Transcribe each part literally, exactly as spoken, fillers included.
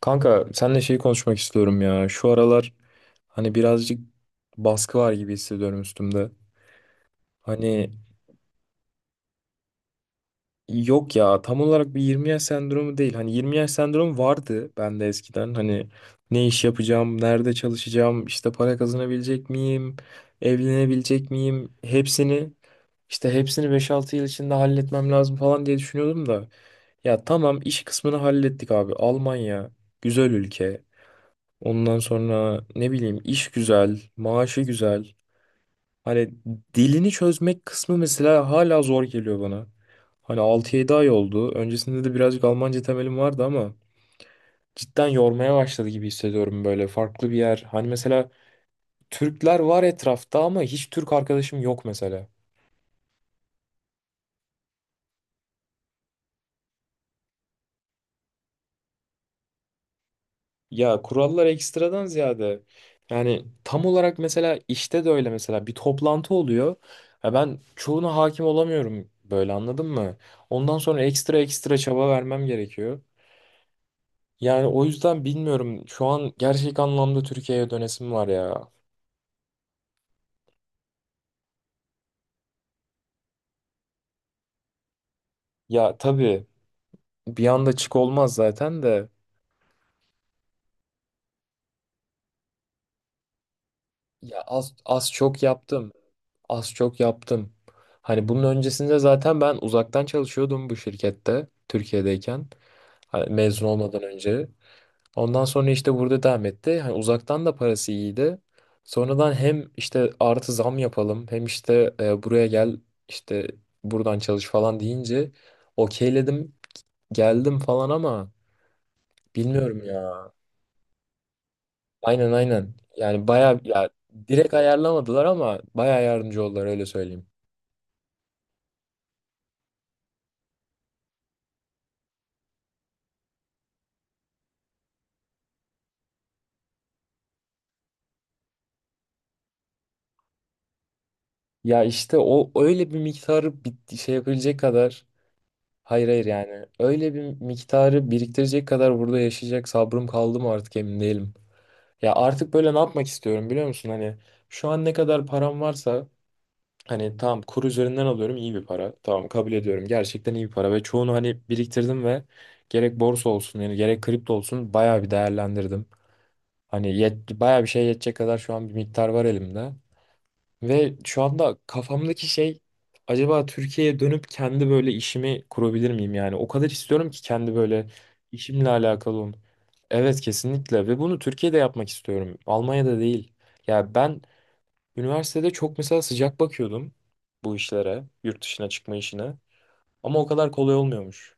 Kanka seninle şeyi konuşmak istiyorum ya. Şu aralar hani birazcık baskı var gibi hissediyorum üstümde. Hani yok ya tam olarak bir yirmi yaş sendromu değil. Hani yirmi yaş sendromu vardı bende eskiden. Hani ne iş yapacağım, nerede çalışacağım, işte para kazanabilecek miyim, evlenebilecek miyim hepsini işte hepsini beş altı yıl içinde halletmem lazım falan diye düşünüyordum da. Ya tamam iş kısmını hallettik abi. Almanya güzel ülke. Ondan sonra ne bileyim iş güzel, maaşı güzel. Hani dilini çözmek kısmı mesela hala zor geliyor bana. Hani altı yedi ay oldu. Öncesinde de birazcık Almanca temelim vardı ama cidden yormaya başladı gibi hissediyorum böyle farklı bir yer. Hani mesela Türkler var etrafta ama hiç Türk arkadaşım yok mesela. Ya kurallar ekstradan ziyade yani tam olarak mesela işte de öyle mesela bir toplantı oluyor. Ya ben çoğuna hakim olamıyorum böyle, anladın mı? Ondan sonra ekstra ekstra çaba vermem gerekiyor. Yani o yüzden bilmiyorum, şu an gerçek anlamda Türkiye'ye dönesim var ya. Ya tabii bir anda çık olmaz zaten de ya az, az çok yaptım. Az çok yaptım. Hani bunun öncesinde zaten ben uzaktan çalışıyordum bu şirkette Türkiye'deyken. Hani mezun olmadan önce. Ondan sonra işte burada devam etti. Hani uzaktan da parası iyiydi. Sonradan hem işte artı zam yapalım hem işte e, buraya gel işte buradan çalış falan deyince okeyledim, geldim falan ama bilmiyorum ya. Aynen, aynen. Yani baya ya direkt ayarlamadılar ama baya yardımcı oldular, öyle söyleyeyim. Ya işte o öyle bir miktarı bir şey yapabilecek kadar. Hayır, hayır, yani öyle bir miktarı biriktirecek kadar burada yaşayacak sabrım kaldı mı artık emin değilim. Ya artık böyle ne yapmak istiyorum, biliyor musun? Hani şu an ne kadar param varsa, hani tamam kur üzerinden alıyorum iyi bir para. Tamam, kabul ediyorum, gerçekten iyi bir para ve çoğunu hani biriktirdim ve gerek borsa olsun yani gerek kripto olsun bayağı bir değerlendirdim. Hani yet, bayağı bir şey yetecek kadar şu an bir miktar var elimde. Ve şu anda kafamdaki şey, acaba Türkiye'ye dönüp kendi böyle işimi kurabilir miyim yani? O kadar istiyorum ki kendi böyle işimle alakalı olun. Evet, kesinlikle, ve bunu Türkiye'de yapmak istiyorum. Almanya'da değil. Ya ben üniversitede çok mesela sıcak bakıyordum bu işlere, yurt dışına çıkma işine. Ama o kadar kolay olmuyormuş.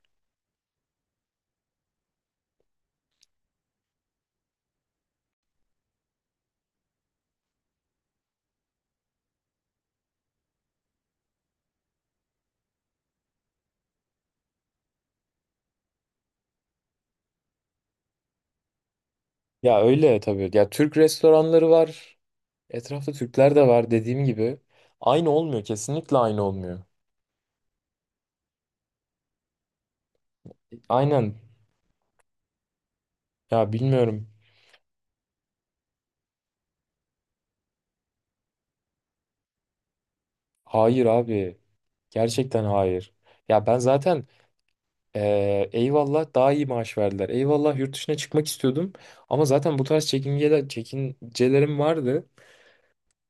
Ya öyle tabii. Ya Türk restoranları var. Etrafta Türkler de var dediğim gibi. Aynı olmuyor. Kesinlikle aynı olmuyor. Aynen. Ya bilmiyorum. Hayır abi. Gerçekten hayır. Ya ben zaten eee, eyvallah daha iyi maaş verdiler. Eyvallah yurt dışına çıkmak istiyordum. Ama zaten bu tarz çekingeler, çekincelerim vardı.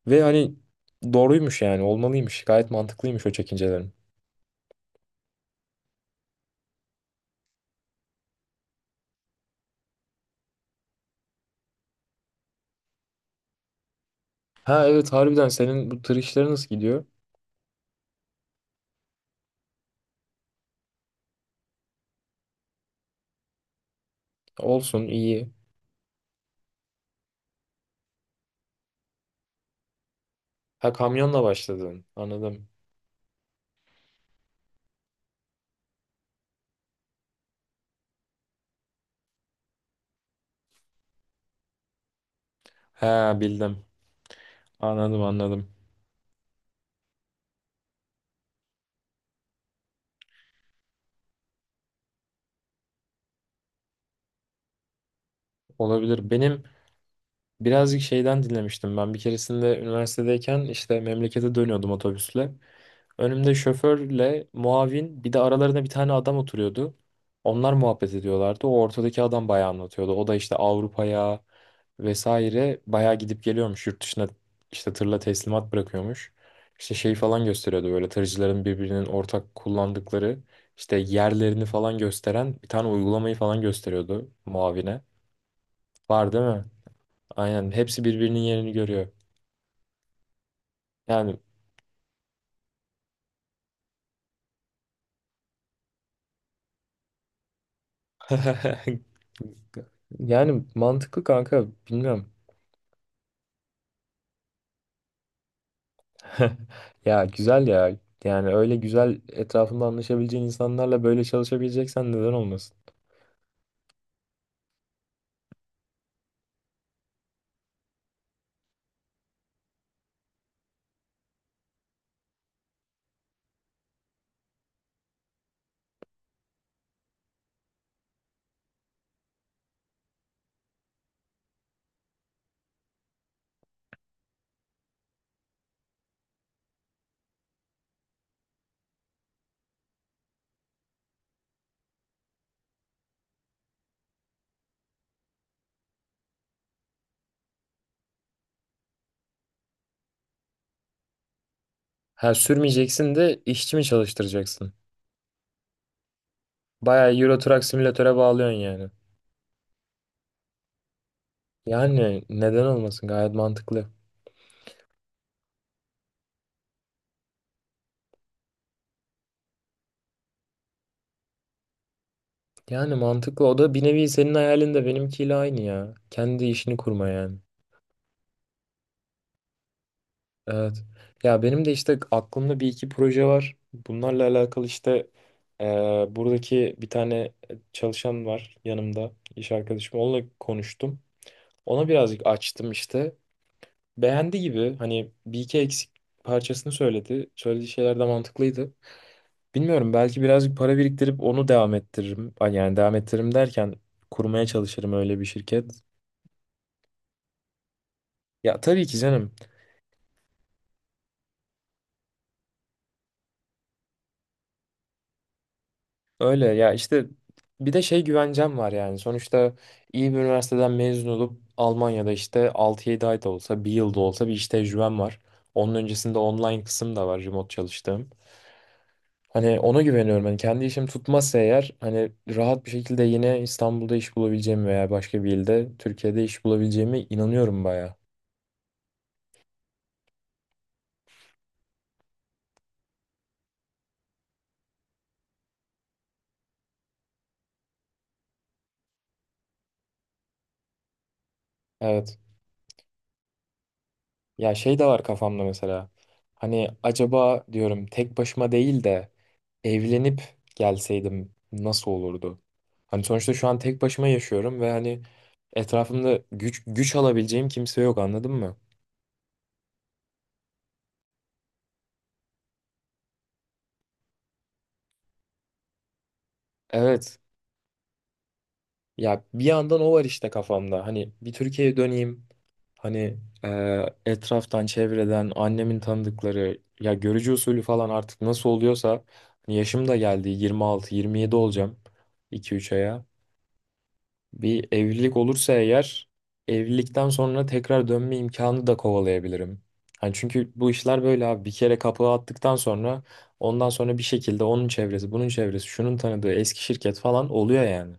Ve hani doğruymuş, yani olmalıymış. Gayet mantıklıymış o çekincelerim. Ha evet, harbiden senin bu tır işleri nasıl gidiyor? Olsun, iyi. Ha, kamyonla başladın. Anladım. Ha, bildim. Anladım, anladım. Olabilir. Benim birazcık şeyden dinlemiştim ben. Bir keresinde üniversitedeyken işte memlekete dönüyordum otobüsle. Önümde şoförle muavin, bir de aralarında bir tane adam oturuyordu. Onlar muhabbet ediyorlardı. O ortadaki adam bayağı anlatıyordu. O da işte Avrupa'ya vesaire bayağı gidip geliyormuş. Yurt dışına işte tırla teslimat bırakıyormuş. İşte şey falan gösteriyordu, böyle tırcıların birbirinin ortak kullandıkları işte yerlerini falan gösteren bir tane uygulamayı falan gösteriyordu muavine. Var değil mi? Aynen, hepsi birbirinin yerini görüyor. Yani yani mantıklı kanka, bilmiyorum. Ya güzel ya. Yani öyle güzel etrafında anlaşabileceğin insanlarla böyle çalışabileceksen, neden olmasın? Ha, sürmeyeceksin de işçi mi çalıştıracaksın? Bayağı Euro Truck Simülatör'e bağlıyorsun yani. Yani neden olmasın, gayet mantıklı. Yani mantıklı, o da bir nevi senin hayalin de benimkiyle aynı ya. Kendi işini kurma yani. Evet. Ya benim de işte aklımda bir iki proje var. Bunlarla alakalı işte eee, buradaki bir tane çalışan var yanımda, iş arkadaşım. Onunla konuştum. Ona birazcık açtım işte. Beğendi gibi, hani bir iki eksik parçasını söyledi. Söylediği şeyler de mantıklıydı. Bilmiyorum, belki birazcık para biriktirip onu devam ettiririm. Ay, yani devam ettiririm derken kurmaya çalışırım öyle bir şirket. Ya tabii ki canım. Öyle ya işte, bir de şey güvencem var yani. Sonuçta iyi bir üniversiteden mezun olup Almanya'da işte altı yedi ay da olsa, bir yıl da olsa bir iş tecrübem var. Onun öncesinde online kısım da var, remote çalıştığım. Hani ona güveniyorum. Hani kendi işim tutmazsa eğer, hani rahat bir şekilde yine İstanbul'da iş bulabileceğimi veya başka bir ilde Türkiye'de iş bulabileceğime inanıyorum baya. Evet. Ya şey de var kafamda mesela. Hani acaba diyorum tek başıma değil de evlenip gelseydim nasıl olurdu? Hani sonuçta şu an tek başıma yaşıyorum ve hani etrafımda güç güç alabileceğim kimse yok, anladın mı? Evet. Ya bir yandan o var işte kafamda. Hani bir Türkiye'ye döneyim. Hani eee, etraftan, çevreden, annemin tanıdıkları ya görücü usulü falan artık nasıl oluyorsa, hani yaşım da geldi, yirmi altı, yirmi yedi olacağım iki üç aya. Bir evlilik olursa eğer, evlilikten sonra tekrar dönme imkanı da kovalayabilirim. Hani çünkü bu işler böyle abi, bir kere kapağı attıktan sonra ondan sonra bir şekilde onun çevresi, bunun çevresi, şunun tanıdığı eski şirket falan oluyor yani.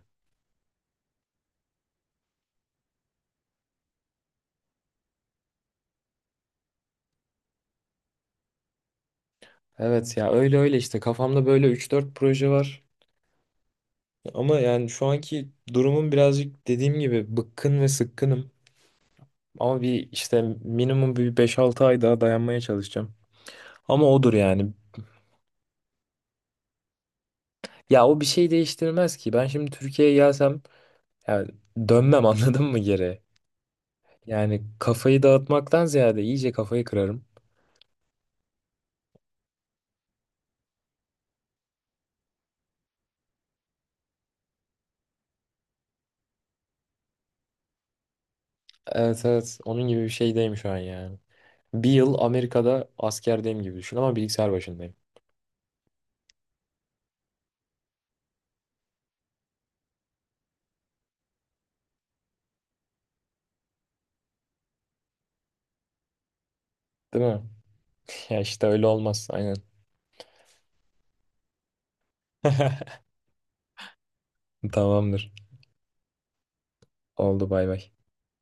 Evet ya, öyle öyle işte kafamda böyle üç dört proje var. Ama yani şu anki durumum birazcık dediğim gibi bıkkın ve sıkkınım. Ama bir işte minimum bir beş altı ay daha dayanmaya çalışacağım. Ama odur yani. Ya o bir şey değiştirmez ki. Ben şimdi Türkiye'ye gelsem yani dönmem anladın mı geri? Yani kafayı dağıtmaktan ziyade iyice kafayı kırarım. Evet, evet, onun gibi bir şeydeyim şu an yani. Bir yıl Amerika'da askerdeyim gibi düşün ama bilgisayar başındayım. Değil mi? Ya işte öyle olmaz, aynen. Tamamdır. Oldu, bay bay.